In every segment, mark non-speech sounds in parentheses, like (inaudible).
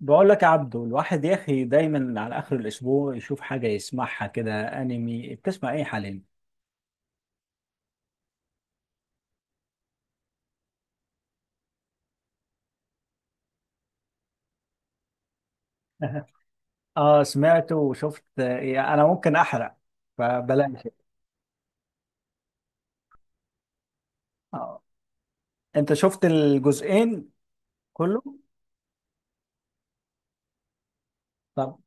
بقول لك يا عبدو، الواحد يا اخي دايما على اخر الاسبوع يشوف حاجه يسمعها كده. انمي بتسمع ايه حاليا؟ (laughs) اه سمعت وشفت، يعني انا ممكن احرق فبلاش. اه انت شفت الجزئين كله؟ طب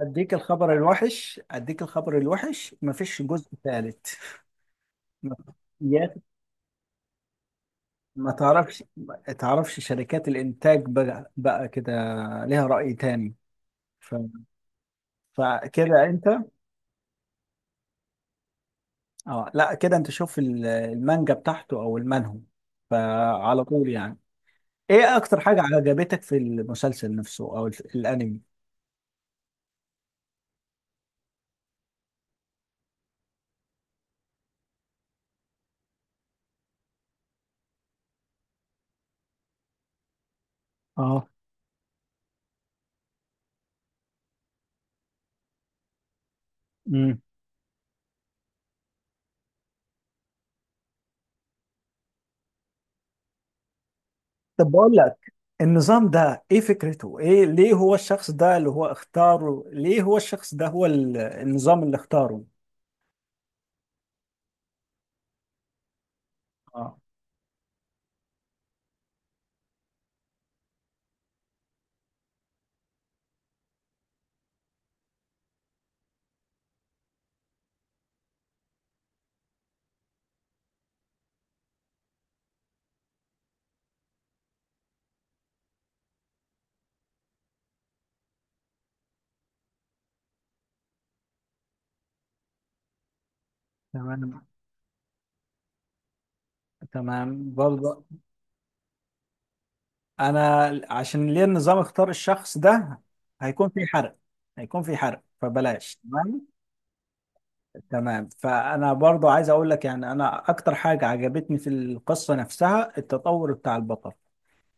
اديك الخبر الوحش، مفيش جزء ثالث. ما- يا أخي، ما تعرفش شركات الانتاج بقى, كده ليها رأي تاني. ف... فكده انت. اه لا، كده انت شوف المانجا بتاعته او المنهو، فعلى طول يعني. ايه اكتر حاجة عجبتك في المسلسل نفسه او الانمي؟ اه. امم طب بقول لك، النظام ده ايه فكرته؟ ايه ليه هو الشخص ده اللي هو اختاره؟ ليه هو الشخص ده هو النظام اللي اختاره؟ اه، تمام. تمام برضه. انا عشان ليه النظام اختار الشخص ده، هيكون في حرق. هيكون في حرق فبلاش، تمام. تمام، فانا برضو عايز اقول لك يعني انا اكتر حاجه عجبتني في القصه نفسها التطور بتاع البطل.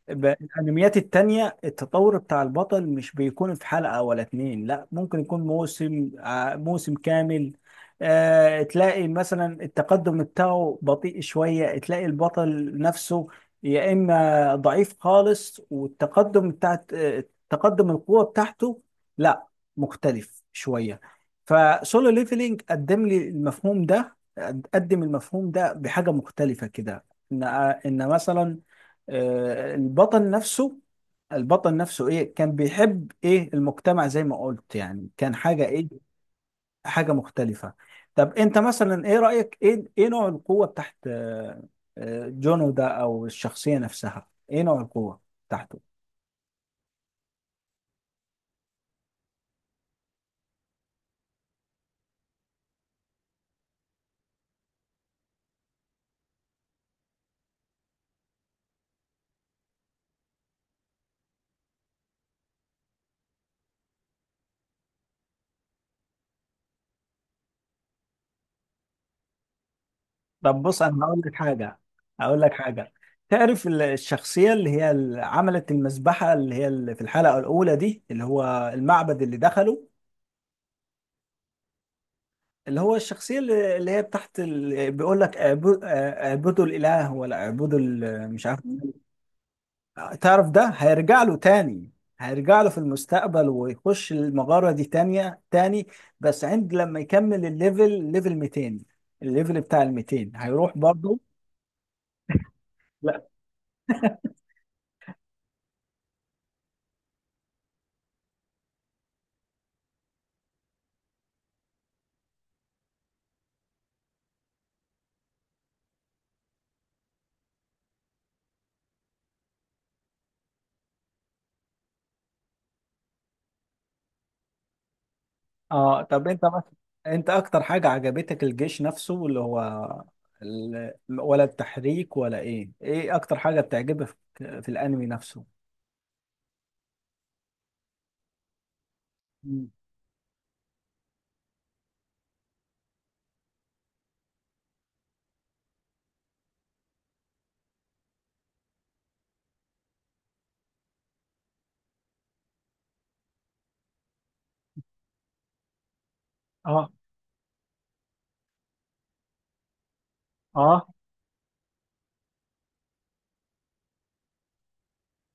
ب- الانميات التانية التطور بتاع البطل مش بيكون في حلقة ولا اتنين، لا ممكن يكون موسم موسم كامل. تلاقي مثلا التقدم بتاعه بطيء شوية، تلاقي البطل نفسه يا اما ضعيف خالص، والتقدم بتاعت تقدم القوة بتاعته لا مختلف شوية. فسولو ليفلينج قدم لي المفهوم ده، قدم المفهوم ده بحاجة مختلفة كده. ان ان مثلا، آه، البطل نفسه البطل نفسه ايه كان بيحب، ايه المجتمع زي ما قلت، يعني كان حاجة ايه، حاجة مختلفة. طب انت مثلا ايه رأيك؟ ايه نوع القوة تحت جونو ده او الشخصية نفسها؟ ايه نوع القوة تحته؟ طب بص انا هقول لك حاجة، هقول لك حاجة تعرف الشخصية اللي هي اللي عملت المذبحة اللي هي اللي في الحلقة الأولى دي اللي هو المعبد اللي دخله؟ اللي هو الشخصية اللي هي تحت بيقول لك اعبدوا، اعبدوا الإله ولا اعبدوا مش عارف. تعرف ده هيرجع له تاني، هيرجع له في المستقبل ويخش المغارة دي تانية تاني بس عند لما يكمل الليفل، ليفل 200. الليفل بتاع ال 200 هيروح برضه. لا. اه طب انت مثلا، انت اكتر حاجة عجبتك الجيش نفسه اللي هو ال... ولا التحريك، ولا ايه؟ ايه اكتر حاجة بتعجبك في الانمي نفسه؟ مم. اه اه.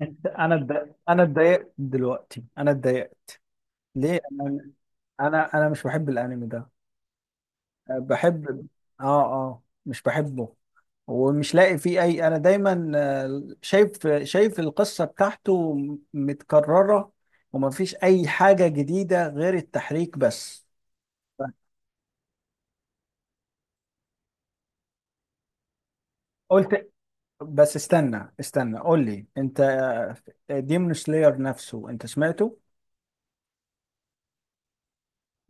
انت انا اتضايقت دلوقتي، انا اتضايقت. ليه؟ انا مش بحب الانمي ده. بحب. اه اه مش بحبه، ومش لاقي فيه اي، انا دايما شايف القصة بتاعته متكررة، وما فيش اي حاجة جديدة غير التحريك بس. قلت، بس استنى قول لي انت، ديمون سلاير نفسه انت سمعته؟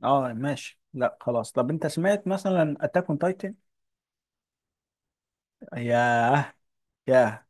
اه ماشي، لا خلاص. طب انت سمعت مثلا اتاك اون تايتن؟ ياه، ياه.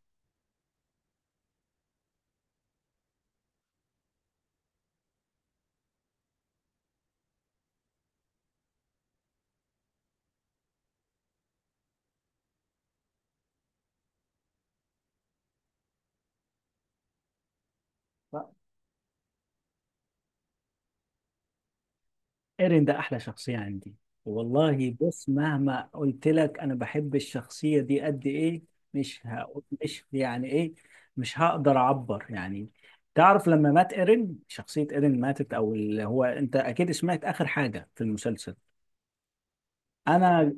ايرين ده احلى شخصية عندي والله. بص مهما قلت لك انا بحب الشخصية دي قد ايه، مش يعني ايه، مش هقدر اعبر يعني. تعرف لما مات ايرين، شخصية ايرين ماتت، او اللي هو انت اكيد سمعت اخر حاجة في المسلسل. انا.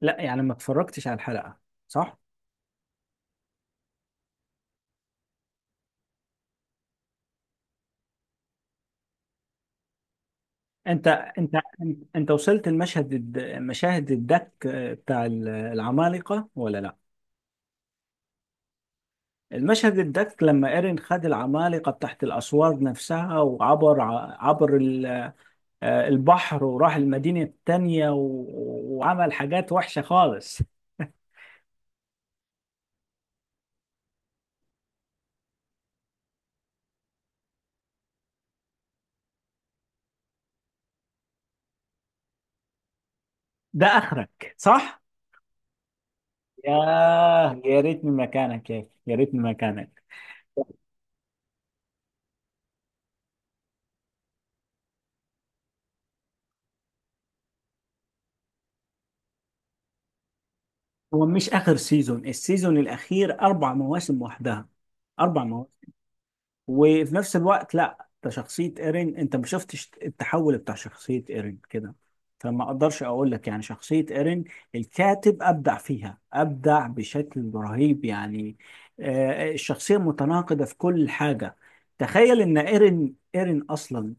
لا، يعني ما اتفرجتش على الحلقة، صح؟ انت انت انت وصلت المشهد، المشاهد الدك بتاع العمالقة ولا لا؟ المشهد ده لما ايرين خد العمالقة تحت الأسوار نفسها، وعبر عبر البحر وراح المدينة التانية وعمل حاجات وحشة خالص. ده آخرك صح؟ ياه، يا ريتني مكانك يا أخي، يا ريتني مكانك. هو مش آخر سيزون، السيزون الأخير أربع مواسم وحدها، أربع مواسم. وفي نفس الوقت لا، ده شخصية ايرين، انت ما شفتش التحول بتاع شخصية ايرين كده، فما اقدرش اقول لك يعني. شخصية ايرين الكاتب ابدع فيها، ابدع بشكل رهيب يعني. الشخصية متناقضة في كل حاجة. تخيل ان ايرين اصلا،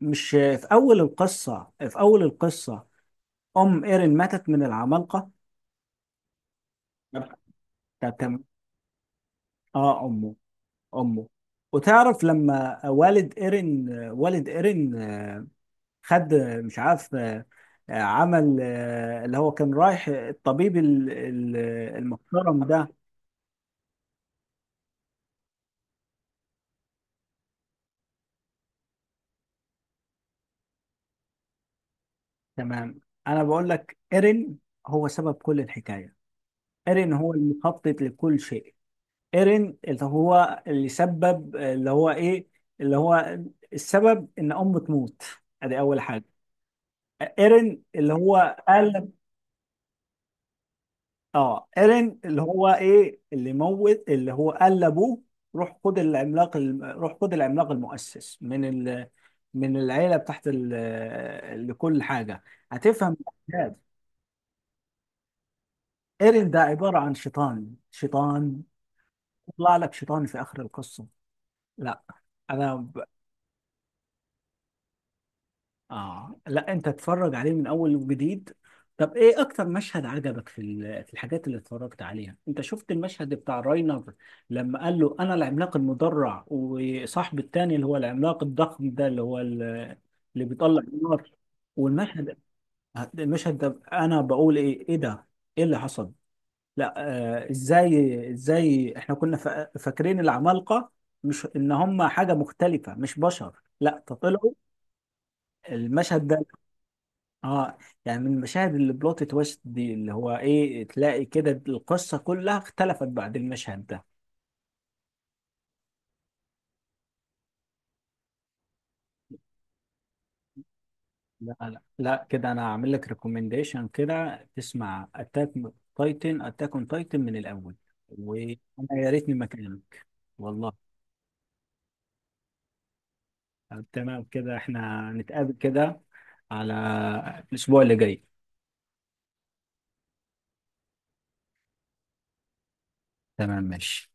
مش في اول القصة في اول القصة ام ايرين ماتت من العمالقة. طب تمام. اه امه، امه. وتعرف لما والد ايرين، والد ايرين خد، مش عارف عمل اللي هو كان رايح الطبيب المحترم ده. تمام. انا بقول لك، ايرين هو سبب كل الحكايه، ايرين هو المخطط لكل شيء. ايرين اللي هو اللي سبب، اللي هو ايه، اللي هو السبب ان امه تموت، ادي اول حاجه. ايرين اللي هو قال، اه ايرين اللي هو ايه اللي موت، اللي هو قال لابوه روح خد روح خد العملاق المؤسس من من العيله بتاعت لكل حاجه هتفهم الأحداث. ايرين ده عباره عن شيطان، شيطان يطلع لك شيطان في اخر القصه. لا انا. اه لا، انت تتفرج عليه من اول وجديد. طب ايه اكتر مشهد عجبك في في الحاجات اللي اتفرجت عليها؟ انت شفت المشهد بتاع راينر لما قال له انا العملاق المدرع، وصاحبي التاني اللي هو العملاق الضخم ده اللي هو اللي بيطلع النار؟ والمشهد، المشهد ده انا بقول ايه، ايه ده، ايه اللي حصل؟ لا. آه ازاي احنا كنا فاكرين العمالقة مش ان هم حاجة مختلفة، مش بشر، لا ده طلعوا، المشهد ده اه. يعني من المشاهد اللي بلوت تويست دي اللي هو ايه، تلاقي كده القصه كلها اختلفت بعد المشهد ده. لا كده انا هعمل لك ريكومنديشن كده، تسمع اتاك اون تايتن من الاول. وانا يا ريتني مكانك والله. طب تمام، كده احنا نتقابل كده على الاسبوع اللي جاي. تمام ماشي.